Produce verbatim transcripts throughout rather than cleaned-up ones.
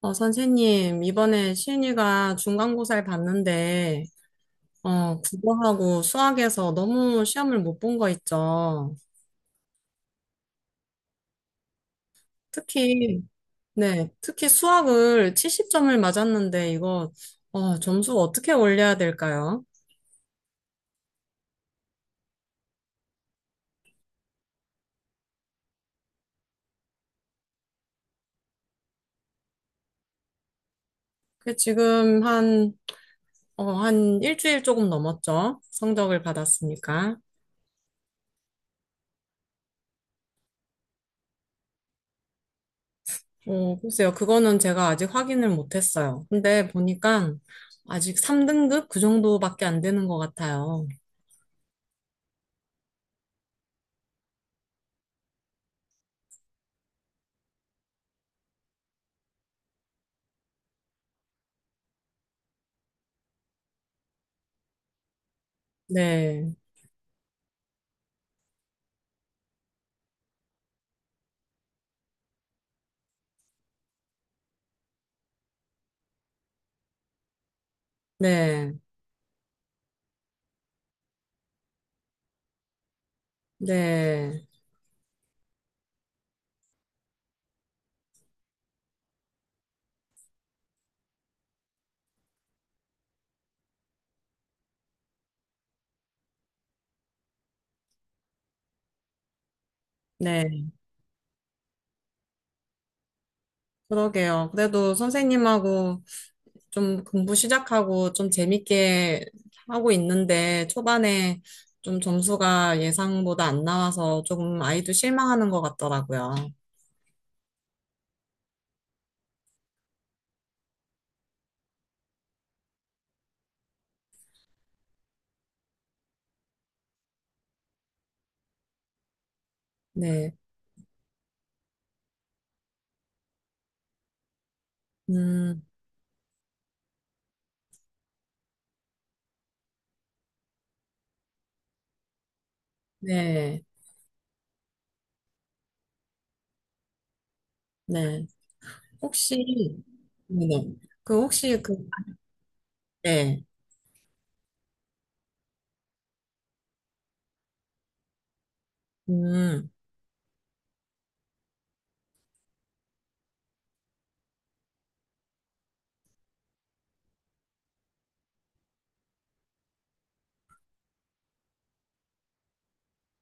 어, 선생님, 이번에 시은이가 중간고사를 봤는데, 어, 국어하고 수학에서 너무 시험을 못 본 거 있죠. 특히, 네, 특히 수학을 칠십 점을 맞았는데, 이거, 어, 점수 어떻게 올려야 될까요? 그 지금 한, 어, 한 일주일 조금 넘었죠. 성적을 받았으니까. 어, 글쎄요. 그거는 제가 아직 확인을 못 했어요. 근데 보니까 아직 삼 등급 그 정도밖에 안 되는 것 같아요. 네. 네, 네, 네. 그러게요. 그래도 선생님하고 좀 공부 시작하고 좀 재밌게 하고 있는데 초반에 좀 점수가 예상보다 안 나와서 조금 아이도 실망하는 것 같더라고요. 네, 음, 네, 네. 혹시, 네. 그 혹시 그, 네, 음,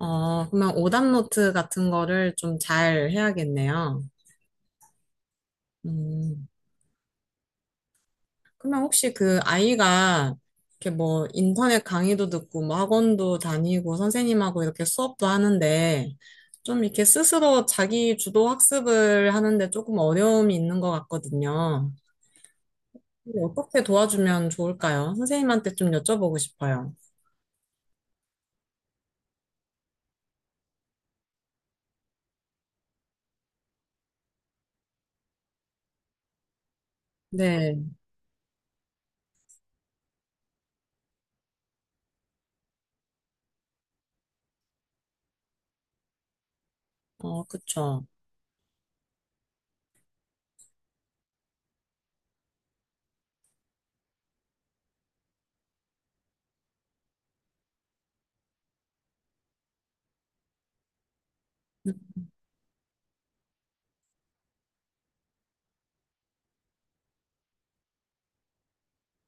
어, 그러면 오답노트 같은 거를 좀 잘 해야겠네요. 음. 그러면 혹시 그 아이가 이렇게 뭐 인터넷 강의도 듣고 뭐 학원도 다니고 선생님하고 이렇게 수업도 하는데 좀 이렇게 스스로 자기 주도 학습을 하는데 조금 어려움이 있는 것 같거든요. 근데 어떻게 도와주면 좋을까요? 선생님한테 좀 여쭤보고 싶어요. 네. 어, 그쵸.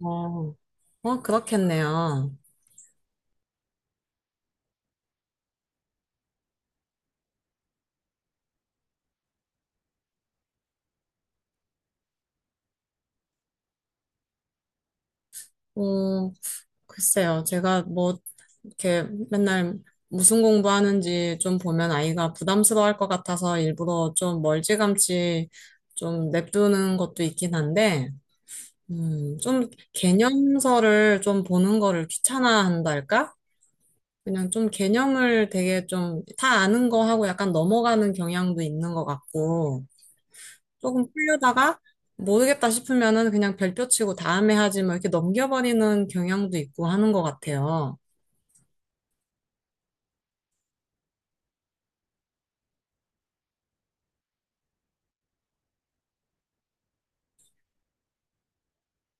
어, 어, 그렇겠네요. 어, 글쎄요, 제가 뭐, 이렇게 맨날 무슨 공부하는지 좀 보면 아이가 부담스러워할 것 같아서 일부러 좀 멀찌감치 좀 냅두는 것도 있긴 한데, 음, 좀 개념서를 좀 보는 거를 귀찮아한달까? 그냥 좀 개념을 되게 좀 다 아는 거 하고 약간 넘어가는 경향도 있는 것 같고, 조금 풀려다가 모르겠다 싶으면은 그냥 별표 치고 다음에 하지 뭐 이렇게 넘겨버리는 경향도 있고 하는 것 같아요.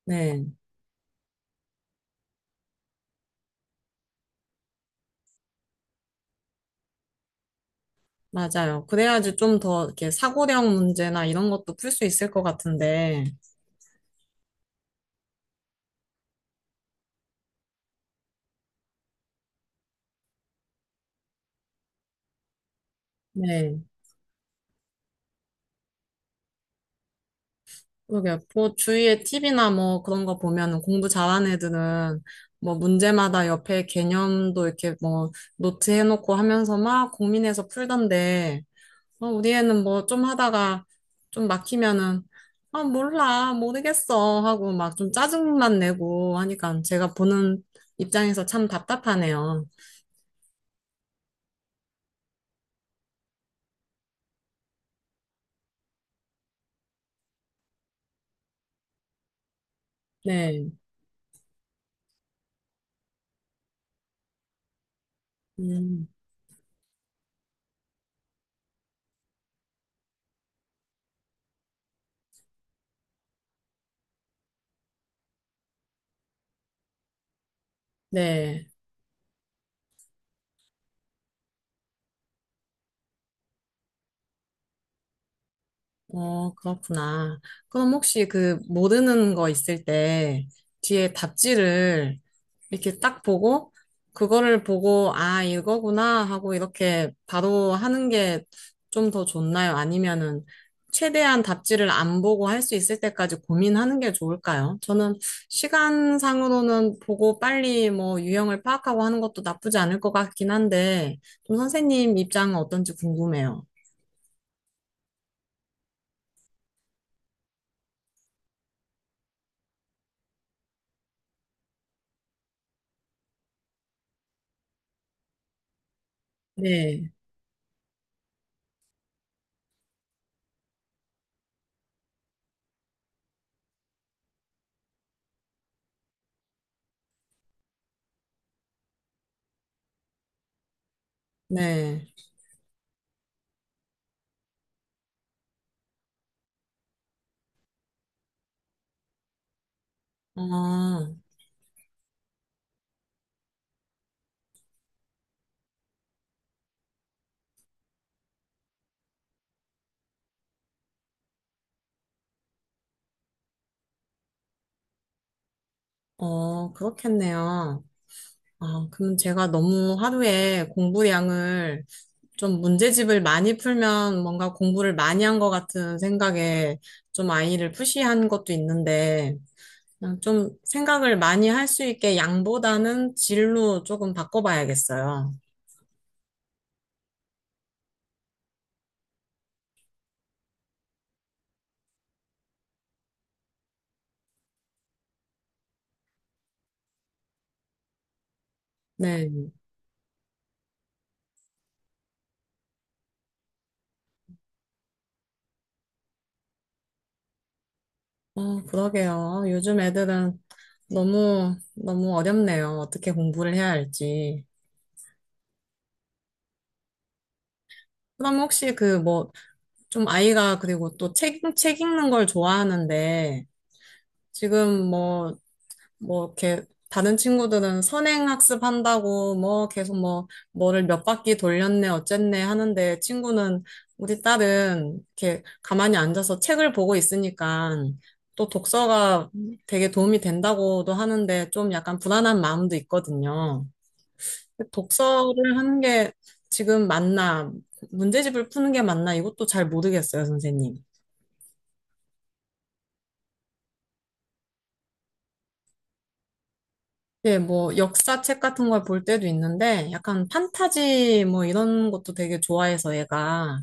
네. 맞아요. 그래야지 좀 더 이렇게 사고력 문제나 이런 것도 풀 수 있을 것 같은데. 네. 그러게. 뭐 주위에 팁이나뭐 그런 거 보면은 공부 잘하는 애들은 뭐 문제마다 옆에 개념도 이렇게 뭐 노트 해놓고 하면서 막 고민해서 풀던데. 어, 우리 애는 뭐 좀 하다가 좀 막히면은 아, 몰라. 모르겠어. 하고 막 좀 짜증만 내고 하니까 제가 보는 입장에서 참 답답하네요. 네. 음. 네. 어, 그렇구나. 그럼 혹시 그 모르는 거 있을 때 뒤에 답지를 이렇게 딱 보고 그거를 보고 아, 이거구나 하고 이렇게 바로 하는 게 좀 더 좋나요? 아니면은 최대한 답지를 안 보고 할 수 있을 때까지 고민하는 게 좋을까요? 저는 시간상으로는 보고 빨리 뭐 유형을 파악하고 하는 것도 나쁘지 않을 것 같긴 한데 좀 선생님 입장은 어떤지 궁금해요. 네, 네. 어. 어, 그렇겠네요. 아, 그럼 제가 너무 하루에 공부량을 좀 문제집을 많이 풀면 뭔가 공부를 많이 한 것 같은 생각에 좀 아이를 푸시한 것도 있는데, 그냥 좀 생각을 많이 할 수 있게 양보다는 질로 조금 바꿔봐야겠어요. 네. 어, 그러게요. 요즘 애들은 너무, 너무 어렵네요. 어떻게 공부를 해야 할지. 그럼 혹시 그뭐 좀 아이가 그리고 또 책, 책 읽는 걸 좋아하는데 지금 뭐, 뭐 이렇게 다른 친구들은 선행학습 한다고 뭐 계속 뭐 뭐를 몇 바퀴 돌렸네 어쨌네 하는데 친구는 우리 딸은 이렇게 가만히 앉아서 책을 보고 있으니까 또 독서가 되게 도움이 된다고도 하는데 좀 약간 불안한 마음도 있거든요. 독서를 하는 게 지금 맞나 문제집을 푸는 게 맞나 이것도 잘 모르겠어요, 선생님. 예, 뭐 역사책 같은 걸 볼 때도 있는데 약간 판타지 뭐 이런 것도 되게 좋아해서 얘가.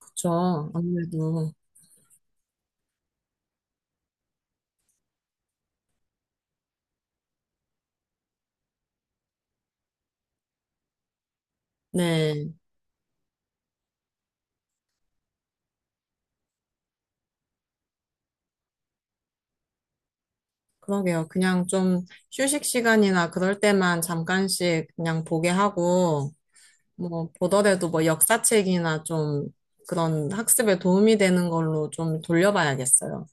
그쵸, 아무래도. 네. 그러게요. 그냥 좀 휴식 시간이나 그럴 때만 잠깐씩 그냥 보게 하고 뭐 보더라도 뭐 역사책이나 좀 그런 학습에 도움이 되는 걸로 좀 돌려봐야겠어요.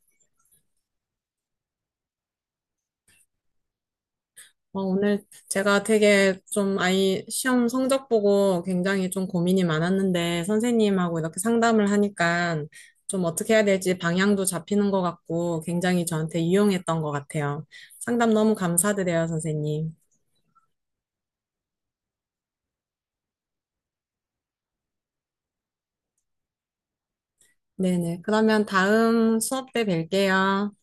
어, 오늘 제가 되게 좀 아이 시험 성적 보고 굉장히 좀 고민이 많았는데 선생님하고 이렇게 상담을 하니까 좀 어떻게 해야 될지 방향도 잡히는 것 같고 굉장히 저한테 유용했던 것 같아요. 상담 너무 감사드려요, 선생님. 네네. 그러면 다음 수업 때 뵐게요.